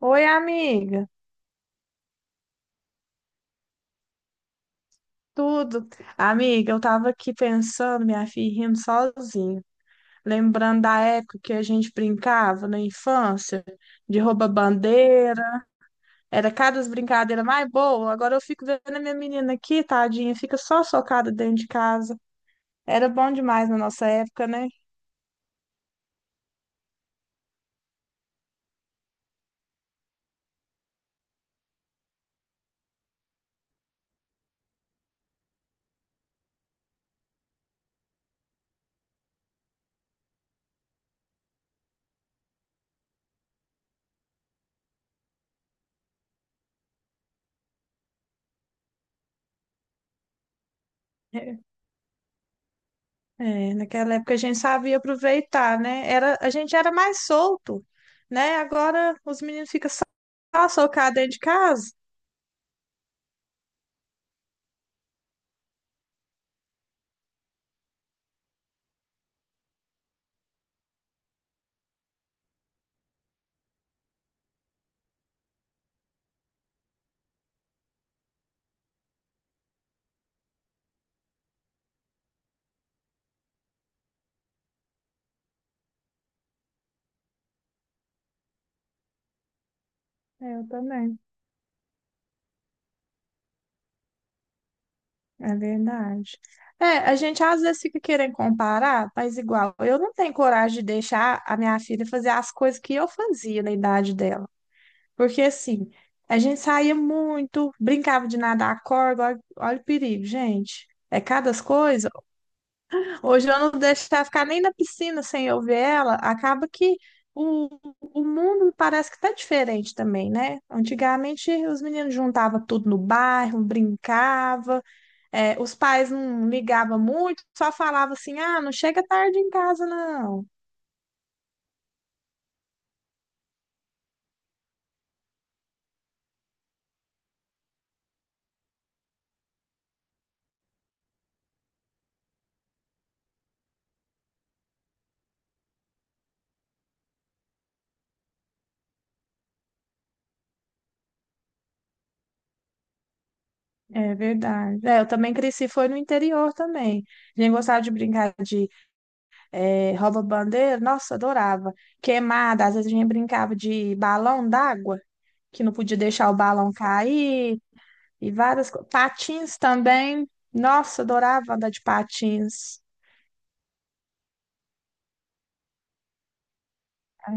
Oi, amiga. Tudo? Amiga, eu tava aqui pensando, minha filha, rindo sozinha. Lembrando da época que a gente brincava na infância, de rouba-bandeira. Era cada brincadeira mais boa. Agora eu fico vendo a minha menina aqui, tadinha, fica só socada dentro de casa. Era bom demais na nossa época, né? É, é, naquela época a gente sabia aproveitar, né? Era, a gente era mais solto, né? Agora os meninos ficam só socados dentro de casa. É, eu também. É verdade. É, a gente às vezes fica querendo comparar, mas igual, eu não tenho coragem de deixar a minha filha fazer as coisas que eu fazia na idade dela. Porque assim, a gente saía muito, brincava de nadar a corda, olha, olha o perigo, gente. É cada coisa. Hoje eu não deixo ela ficar nem na piscina sem eu ver ela. Acaba que o, o mundo parece que está diferente também, né? Antigamente os meninos juntavam tudo no bairro, brincavam. É, os pais não ligavam muito, só falavam assim, ah, não chega tarde em casa, não. É verdade. É, eu também cresci, foi no interior também. A gente gostava de brincar de é, rouba-bandeira, nossa, adorava. Queimada, às vezes a gente brincava de balão d'água, que não podia deixar o balão cair, e várias coisas. Patins também, nossa, adorava andar de patins. É,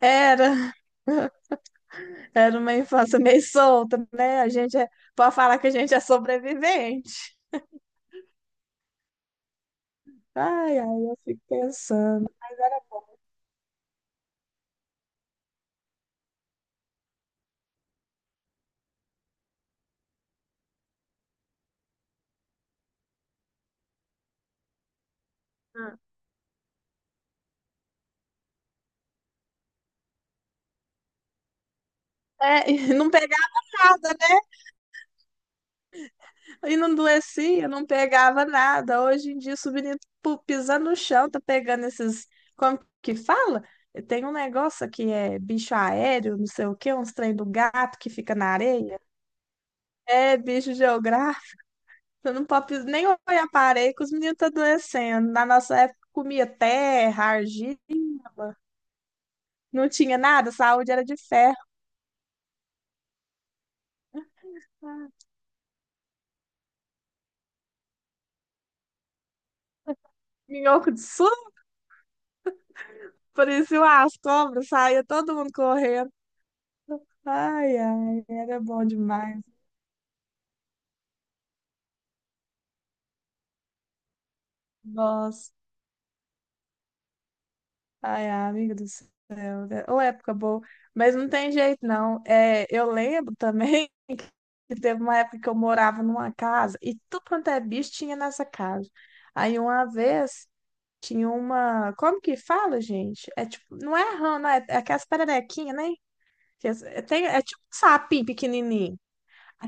Era, era uma infância meio solta, né? A gente é- pode falar que a gente é sobrevivente. Ai, ai, eu fico pensando. É, e não pegava nada, né? E não doecia, não pegava nada. Hoje em dia, subindo, pisando no chão, tá pegando esses. Como que fala? Tem um negócio que é bicho aéreo, não sei o quê, uns trem do gato que fica na areia. É, bicho geográfico. Você não pode pis- nem olhar para a areia que os meninos tá adoecendo. Na nossa época, comia terra, argila, não tinha nada, saúde era de ferro. Ah, Minhoco de Por isso as cobras saíam todo mundo correndo. Ai, ai, era bom demais. Nossa, ai, ai, amiga do céu. Né? Ô, época boa. Mas não tem jeito, não. É, eu lembro também que teve uma época que eu morava numa casa e tudo quanto é bicho tinha nessa casa. Aí uma vez tinha uma. Como que fala, gente? É tipo, não é rã, não é, é aquelas pererequinhas, né? Que as- é, tem- é tipo um sapinho pequenininho.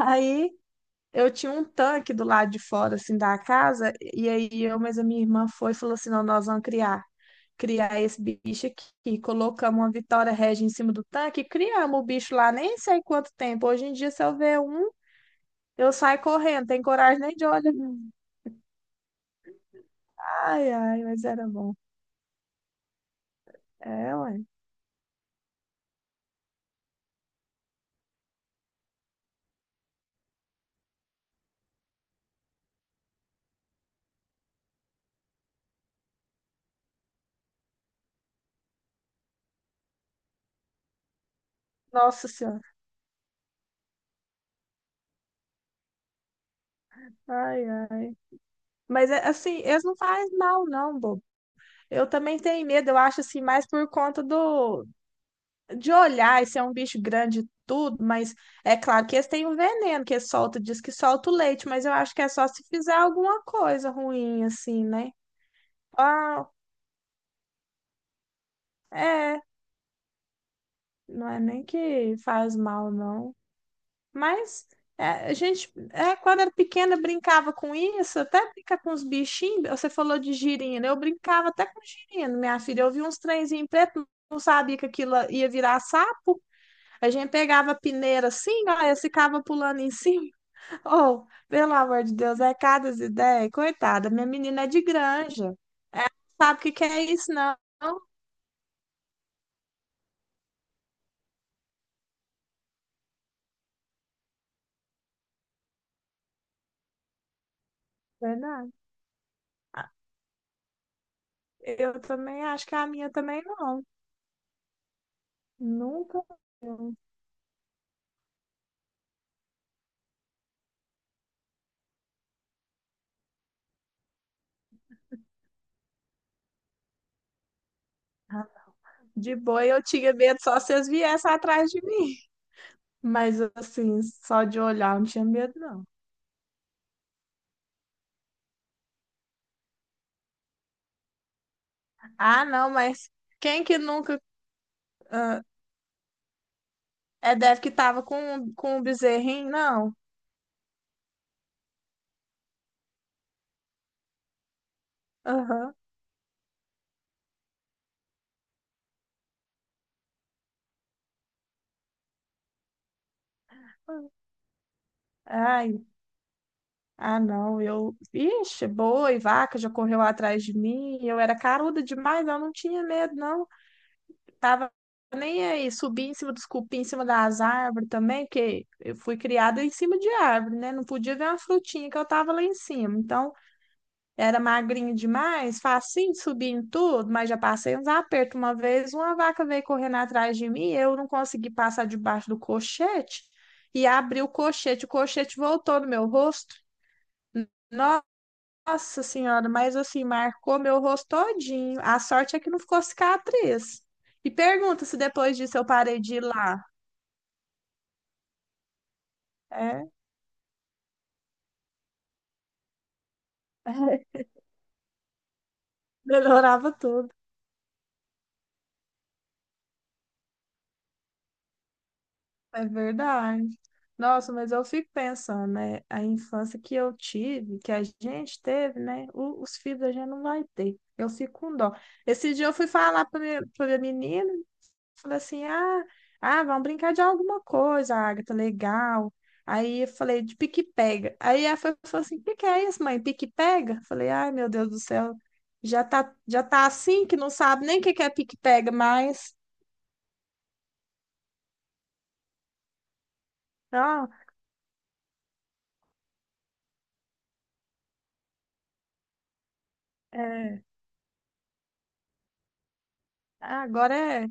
Aí. Eu tinha um tanque do lado de fora, assim, da casa, e aí eu, mas a minha irmã foi e falou assim, não, nós vamos criar esse bicho aqui. E colocamos uma Vitória Regia em cima do tanque, e criamos o bicho lá, nem sei quanto tempo. Hoje em dia, se eu ver um, eu saio correndo, tem coragem nem de olhar. Ai, ai, mas era bom. É, ué. Nossa Senhora. Ai, ai. Mas, é, assim, eles não fazem mal, não, bobo. Eu também tenho medo, eu acho, assim, mais por conta do de olhar, esse é um bicho grande e tudo, mas é claro que eles têm um veneno que eles soltam, diz que solta o leite, mas eu acho que é só se fizer alguma coisa ruim, assim, né? Ah, é, não é nem que faz mal, não. Mas é, a gente, é, quando era pequena, brincava com isso, até brincar com os bichinhos. Você falou de girino, eu brincava até com girino, minha filha. Eu vi uns trenzinhos pretos, não sabia que aquilo ia virar sapo. A gente pegava a peneira assim, ó, e ficava pulando em cima. Oh, pelo amor de Deus, é cada ideia. Coitada, minha menina é de granja. Sabe o que que é isso, não? Verdade. Ah, eu também acho que a minha também não. Nunca. De boi eu tinha medo só se eles viessem atrás de mim. Mas assim, só de olhar eu não tinha medo, não. Ah, não, mas quem que nunca. Ah, é deve que tava com um bezerrinho, não? Aham. Ai, ah, não, eu. Ixi, boi, vaca já correu atrás de mim. Eu era caruda demais, eu não tinha medo, não. Tava nem aí. Subi em cima dos cupim, em cima das árvores também, porque eu fui criada em cima de árvore, né? Não podia ver uma frutinha que eu tava lá em cima. Então, era magrinha demais, facinho de subir em tudo, mas já passei uns apertos. Uma vez, uma vaca veio correndo atrás de mim, eu não consegui passar debaixo do cochete e abri o cochete. O cochete voltou no meu rosto. Nossa senhora, mas assim, marcou meu rosto todinho. A sorte é que não ficou cicatriz. E pergunta se depois disso eu parei de ir lá. É, melhorava tudo. É verdade. Nossa, mas eu fico pensando, né? A infância que eu tive, que a gente teve, né? O- os filhos a gente não vai ter. Eu fico com dó. Esse dia eu fui falar para pra minha menina. Falei assim, ah, vamos brincar de alguma coisa, Agatha, legal. Aí eu falei, de pique-pega. Aí ela foi- falou assim, o que que é isso, mãe? Pique-pega? Falei, ai, meu Deus do céu, já tá assim que não sabe nem o que que é pique-pega mais. Não, é, agora é,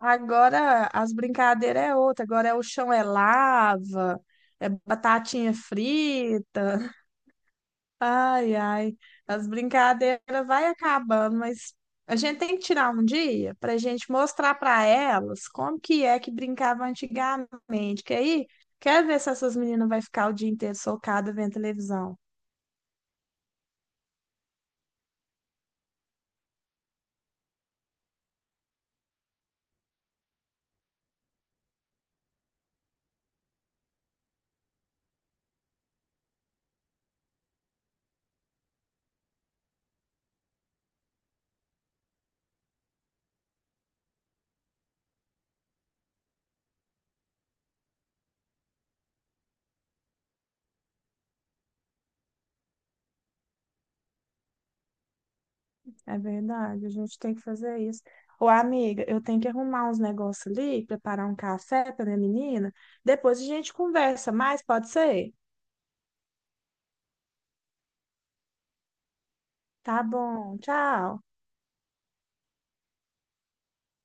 agora as brincadeiras é outra, agora é o chão é lava, é batatinha frita. Ai, ai, as brincadeiras vai acabando, mas a gente tem que tirar um dia para a gente mostrar para elas como que é que brincava antigamente, que aí quer ver se essas meninas vai ficar o dia inteiro socada vendo televisão. É verdade, a gente tem que fazer isso. Ô, amiga, eu tenho que arrumar uns negócios ali, preparar um café para minha menina. Depois a gente conversa mais, pode ser? Tá bom, tchau.